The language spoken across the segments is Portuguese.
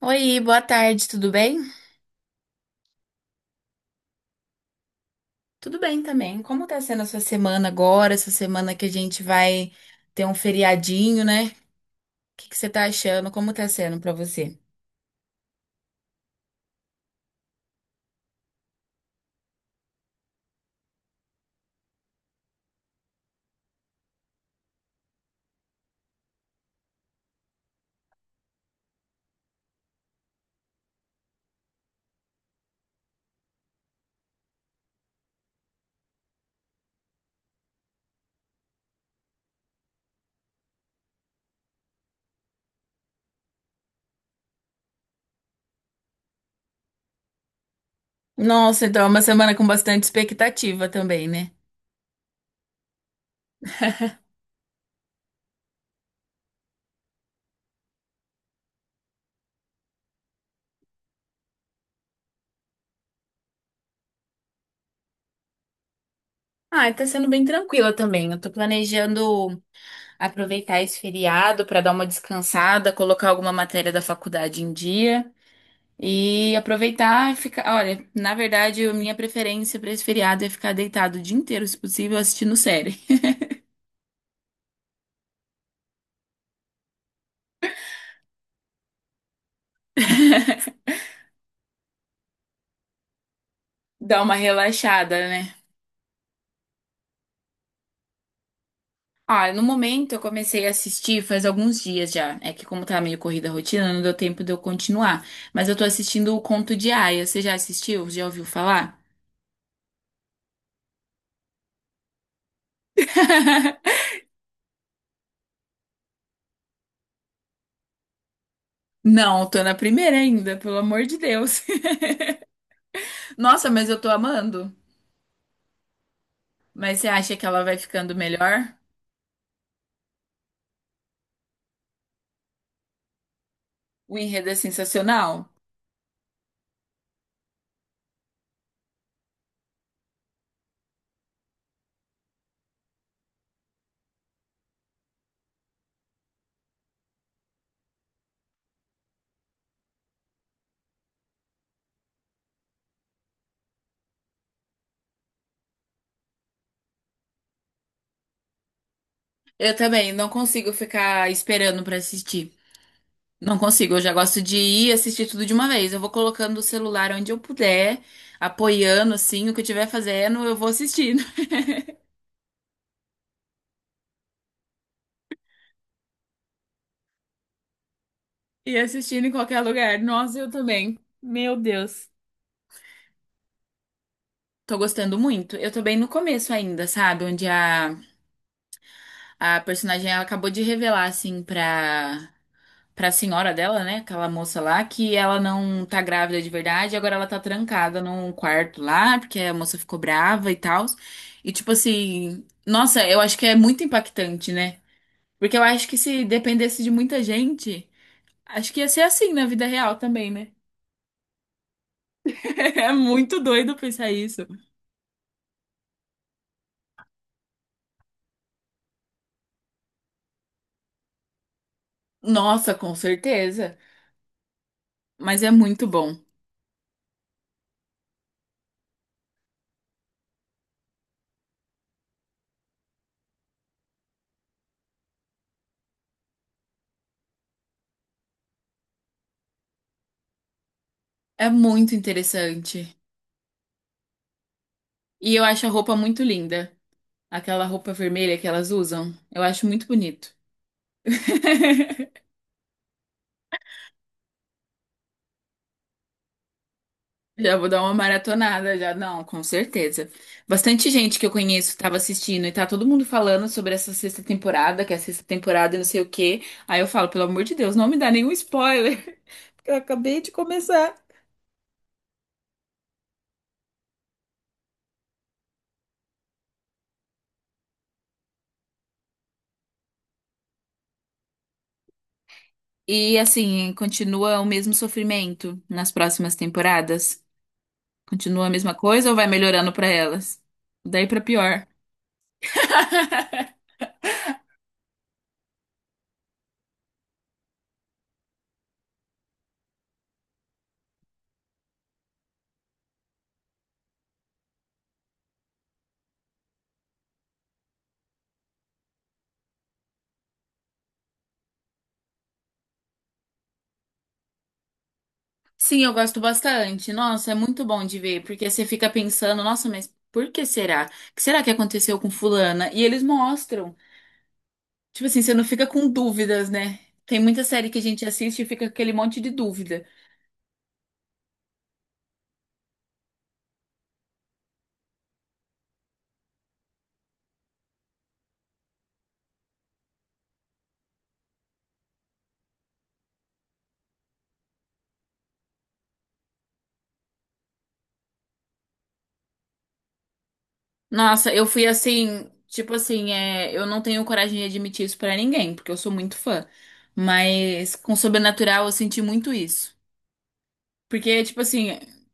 Oi, boa tarde, tudo bem? Tudo bem também. Como tá sendo a sua semana agora? Essa semana que a gente vai ter um feriadinho, né? O que que você tá achando? Como tá sendo pra você? Nossa, então é uma semana com bastante expectativa também, né? Ah, tá sendo bem tranquila também. Eu tô planejando aproveitar esse feriado pra dar uma descansada, colocar alguma matéria da faculdade em dia e aproveitar e ficar. Olha, na verdade, a minha preferência pra esse feriado é ficar deitado o dia inteiro, se possível, assistindo série. Dá uma relaxada, né? Ah, no momento eu comecei a assistir faz alguns dias já. É que como tá meio corrida a rotina, não deu tempo de eu continuar. Mas eu tô assistindo o Conto de Aia. Você já assistiu? Já ouviu falar? Não, tô na primeira ainda, pelo amor de Deus. Nossa, mas eu tô amando. Mas você acha que ela vai ficando melhor? O enredo é sensacional. Eu também não consigo ficar esperando pra assistir. Não consigo, eu já gosto de ir assistir tudo de uma vez. Eu vou colocando o celular onde eu puder, apoiando assim, o que eu estiver fazendo, eu vou assistindo. E assistindo em qualquer lugar. Nossa, eu também. Meu Deus. Tô gostando muito. Eu tô bem no começo ainda, sabe? Onde a personagem ela acabou de revelar, assim, pra senhora dela, né? Aquela moça lá, que ela não tá grávida de verdade, agora ela tá trancada num quarto lá, porque a moça ficou brava e tal. E tipo assim, nossa, eu acho que é muito impactante, né? Porque eu acho que se dependesse de muita gente, acho que ia ser assim na vida real também, né? É muito doido pensar isso. Nossa, com certeza. Mas é muito bom. É muito interessante. E eu acho a roupa muito linda. Aquela roupa vermelha que elas usam. Eu acho muito bonito. Já vou dar uma maratonada, já. Não, com certeza. Bastante gente que eu conheço estava assistindo e tá todo mundo falando sobre essa sexta temporada, que é a sexta temporada e não sei o quê. Aí eu falo, pelo amor de Deus, não me dá nenhum spoiler, porque eu acabei de começar. E assim, continua o mesmo sofrimento nas próximas temporadas? Continua a mesma coisa ou vai melhorando pra elas? Daí pra pior. Sim, eu gosto bastante. Nossa, é muito bom de ver, porque você fica pensando, nossa, mas por que será? O que será que aconteceu com fulana? E eles mostram. Tipo assim, você não fica com dúvidas, né? Tem muita série que a gente assiste e fica com aquele monte de dúvida. Nossa, eu fui assim, tipo assim, é, eu não tenho coragem de admitir isso pra ninguém, porque eu sou muito fã. Mas com Sobrenatural eu senti muito isso. Porque, tipo assim,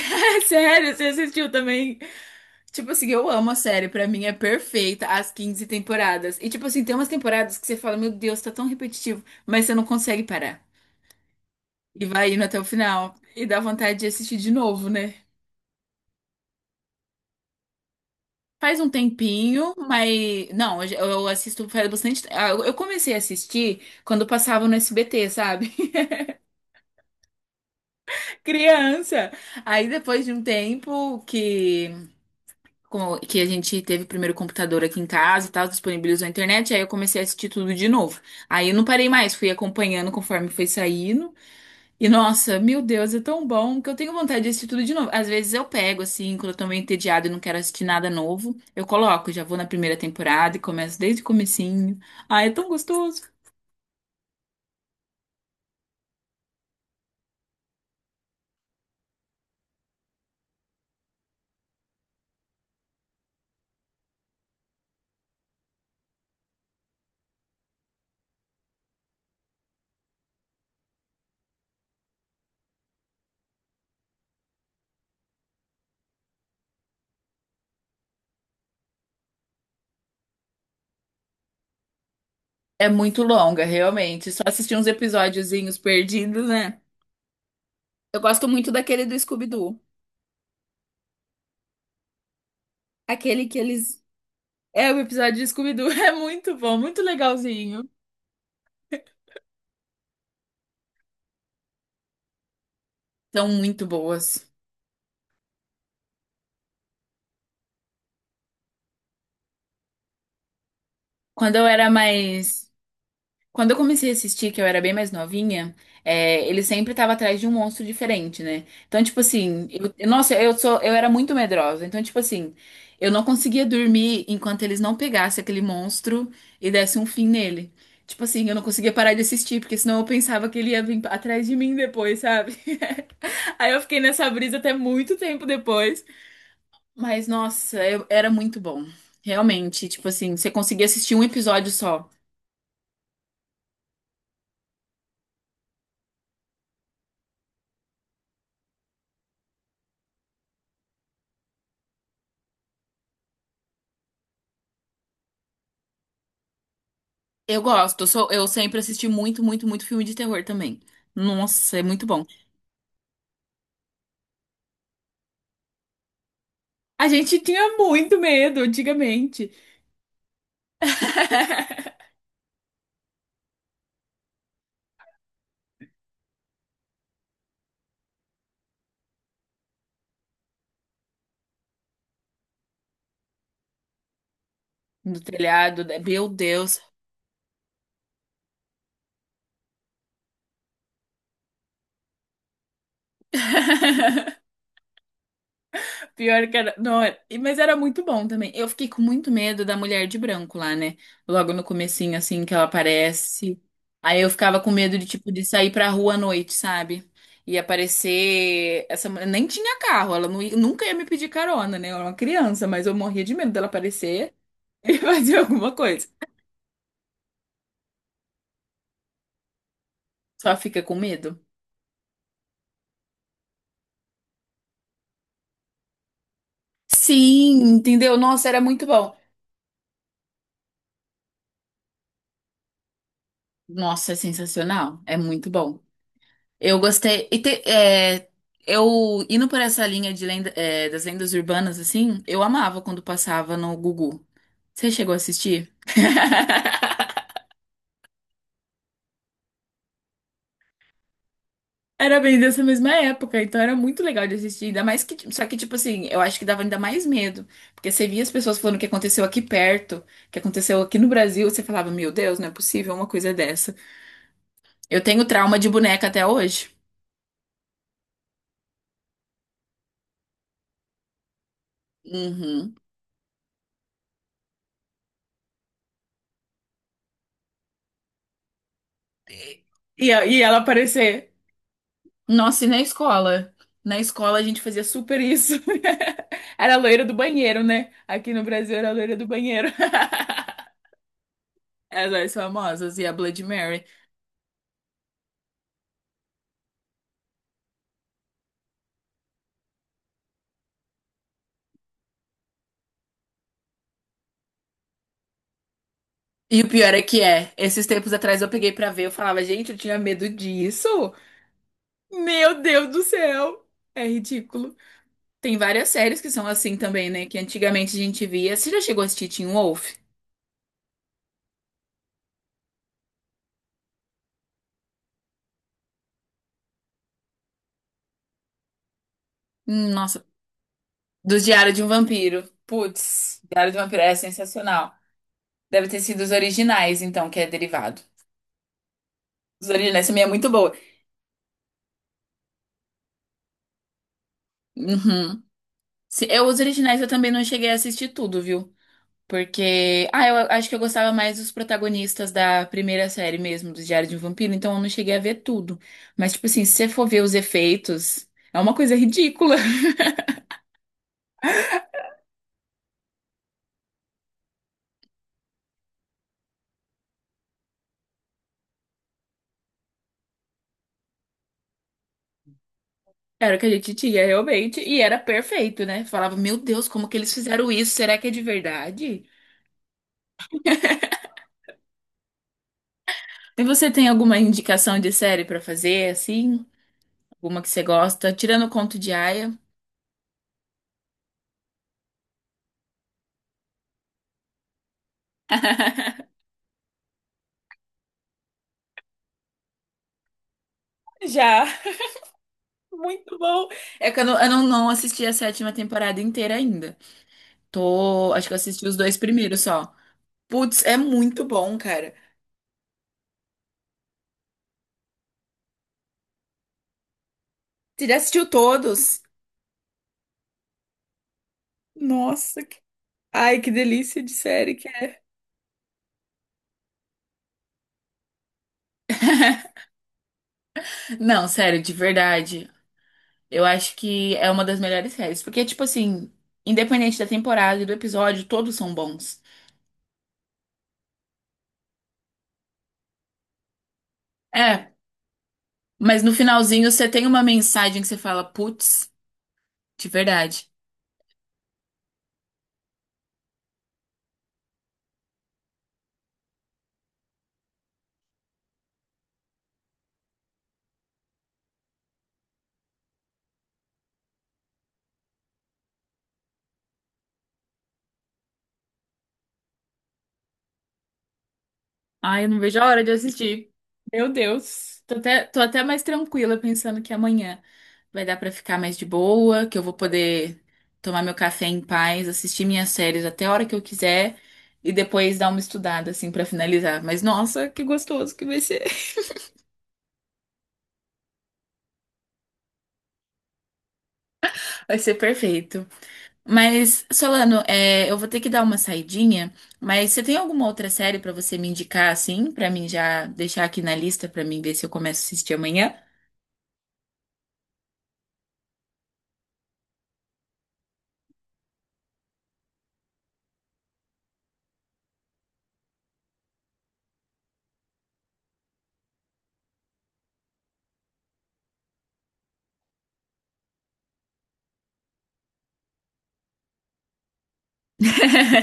é sério, você assistiu também. Tipo assim, eu amo a série, pra mim é perfeita as 15 temporadas. E tipo assim, tem umas temporadas que você fala, meu Deus, tá tão repetitivo, mas você não consegue parar. E vai indo até o final. E dá vontade de assistir de novo, né? Faz um tempinho, mas. Não, eu assisto faz bastante. Eu comecei a assistir quando passava no SBT, sabe? Criança! Aí depois de um tempo que a gente teve o primeiro computador aqui em casa e tal, disponibilizou a internet, aí eu comecei a assistir tudo de novo. Aí eu não parei mais, fui acompanhando conforme foi saindo. E nossa, meu Deus, é tão bom que eu tenho vontade de assistir tudo de novo. Às vezes eu pego, assim, quando eu tô meio entediada e não quero assistir nada novo, eu coloco, já vou na primeira temporada e começo desde o comecinho. Ai, é tão gostoso. É muito longa, realmente. Só assistir uns episódiozinhos perdidos, né? Eu gosto muito daquele do Scooby-Doo. Aquele que eles É, o episódio de Scooby-Doo é muito bom, muito legalzinho. São muito boas. Quando eu era mais. Quando eu comecei a assistir, que eu era bem mais novinha, é, ele sempre tava atrás de um monstro diferente, né? Então, tipo assim, nossa, eu era muito medrosa. Então, tipo assim, eu não conseguia dormir enquanto eles não pegassem aquele monstro e dessem um fim nele. Tipo assim, eu não conseguia parar de assistir, porque senão eu pensava que ele ia vir atrás de mim depois, sabe? Aí eu fiquei nessa brisa até muito tempo depois. Mas, nossa, era muito bom. Realmente, tipo assim, você conseguia assistir um episódio só. Eu gosto, eu, sou, eu sempre assisti muito, muito, muito filme de terror também. Nossa, é muito bom. A gente tinha muito medo antigamente. No telhado, né? Meu Deus. Pior que era. Não, mas era muito bom também. Eu fiquei com muito medo da mulher de branco lá, né? Logo no comecinho, assim, que ela aparece. Aí eu ficava com medo de, tipo, de sair pra rua à noite, sabe? E aparecer. Essa mulher nem tinha carro, ela nunca ia me pedir carona, né? Eu era uma criança, mas eu morria de medo dela aparecer e fazer alguma coisa. Só fica com medo. Sim, entendeu? Nossa, era muito bom. Nossa, é sensacional. É muito bom. Eu gostei. Eu indo por essa linha de das lendas urbanas, assim, eu amava quando passava no Gugu. Você chegou a assistir? Era bem dessa mesma época, então era muito legal de assistir. Ainda mais que. Só que, tipo assim, eu acho que dava ainda mais medo. Porque você via as pessoas falando o que aconteceu aqui perto, o que aconteceu aqui no Brasil, você falava, meu Deus, não é possível uma coisa dessa. Eu tenho trauma de boneca até hoje. Uhum. E ela aparecer. Nossa, e na escola? Na escola a gente fazia super isso. Era a loira do banheiro, né? Aqui no Brasil era a loira do banheiro. As famosas e a Bloody Mary. E o pior é que é, esses tempos atrás eu peguei pra ver, eu falava, gente, eu tinha medo disso. Meu Deus do céu. É ridículo. Tem várias séries que são assim também, né? Que antigamente a gente via. Você já chegou a assistir Teen Wolf? Nossa, do Diário de um Vampiro. Putz, Diário de um Vampiro é sensacional. Deve ter sido os originais, então, que é derivado. Os originais também é muito boa. Uhum. Eu, os originais eu também não cheguei a assistir tudo, viu? Porque. Ah, eu acho que eu gostava mais dos protagonistas da primeira série mesmo, do Diário de um Vampiro, então eu não cheguei a ver tudo. Mas, tipo assim, se você for ver os efeitos, é uma coisa ridícula. Era o que a gente tinha realmente, e era perfeito, né? Falava, meu Deus, como que eles fizeram isso? Será que é de verdade? E você tem alguma indicação de série pra fazer, assim? Alguma que você gosta? Tirando o Conto de Aia. Já. Muito bom. É que eu não, eu não assisti a sétima temporada inteira ainda. Tô, acho que eu assisti os dois primeiros só. Putz, é muito bom, cara. Você já assistiu todos? Nossa, ai, que delícia de série que é. Não, sério, de verdade. Eu acho que é uma das melhores séries. Porque, tipo assim, independente da temporada e do episódio, todos são bons. É, mas no finalzinho você tem uma mensagem que você fala, putz, de verdade. Ai, eu não vejo a hora de assistir. Meu Deus. Tô até mais tranquila pensando que amanhã vai dar pra ficar mais de boa, que eu vou poder tomar meu café em paz, assistir minhas séries até a hora que eu quiser e depois dar uma estudada assim pra finalizar. Mas nossa, que gostoso que vai ser. Vai ser perfeito. Mas Solano, eu vou ter que dar uma saidinha, mas você tem alguma outra série pra você me indicar assim, pra mim já deixar aqui na lista pra mim ver se eu começo a assistir amanhã?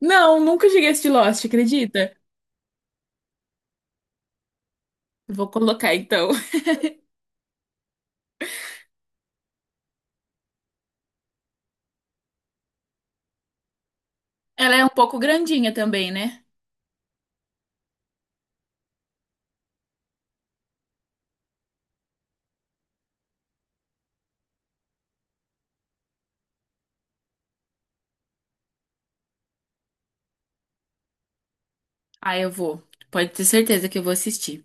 Não, nunca cheguei a assistir Lost, acredita? Vou colocar então. Ela é um pouco grandinha também, né? Ah, eu vou. Pode ter certeza que eu vou assistir.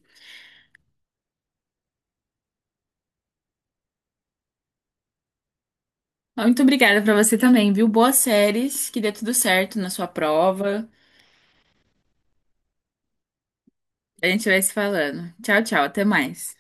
Ah, muito obrigada pra você também, viu? Boas séries, que dê tudo certo na sua prova. A gente vai se falando. Tchau, tchau, até mais.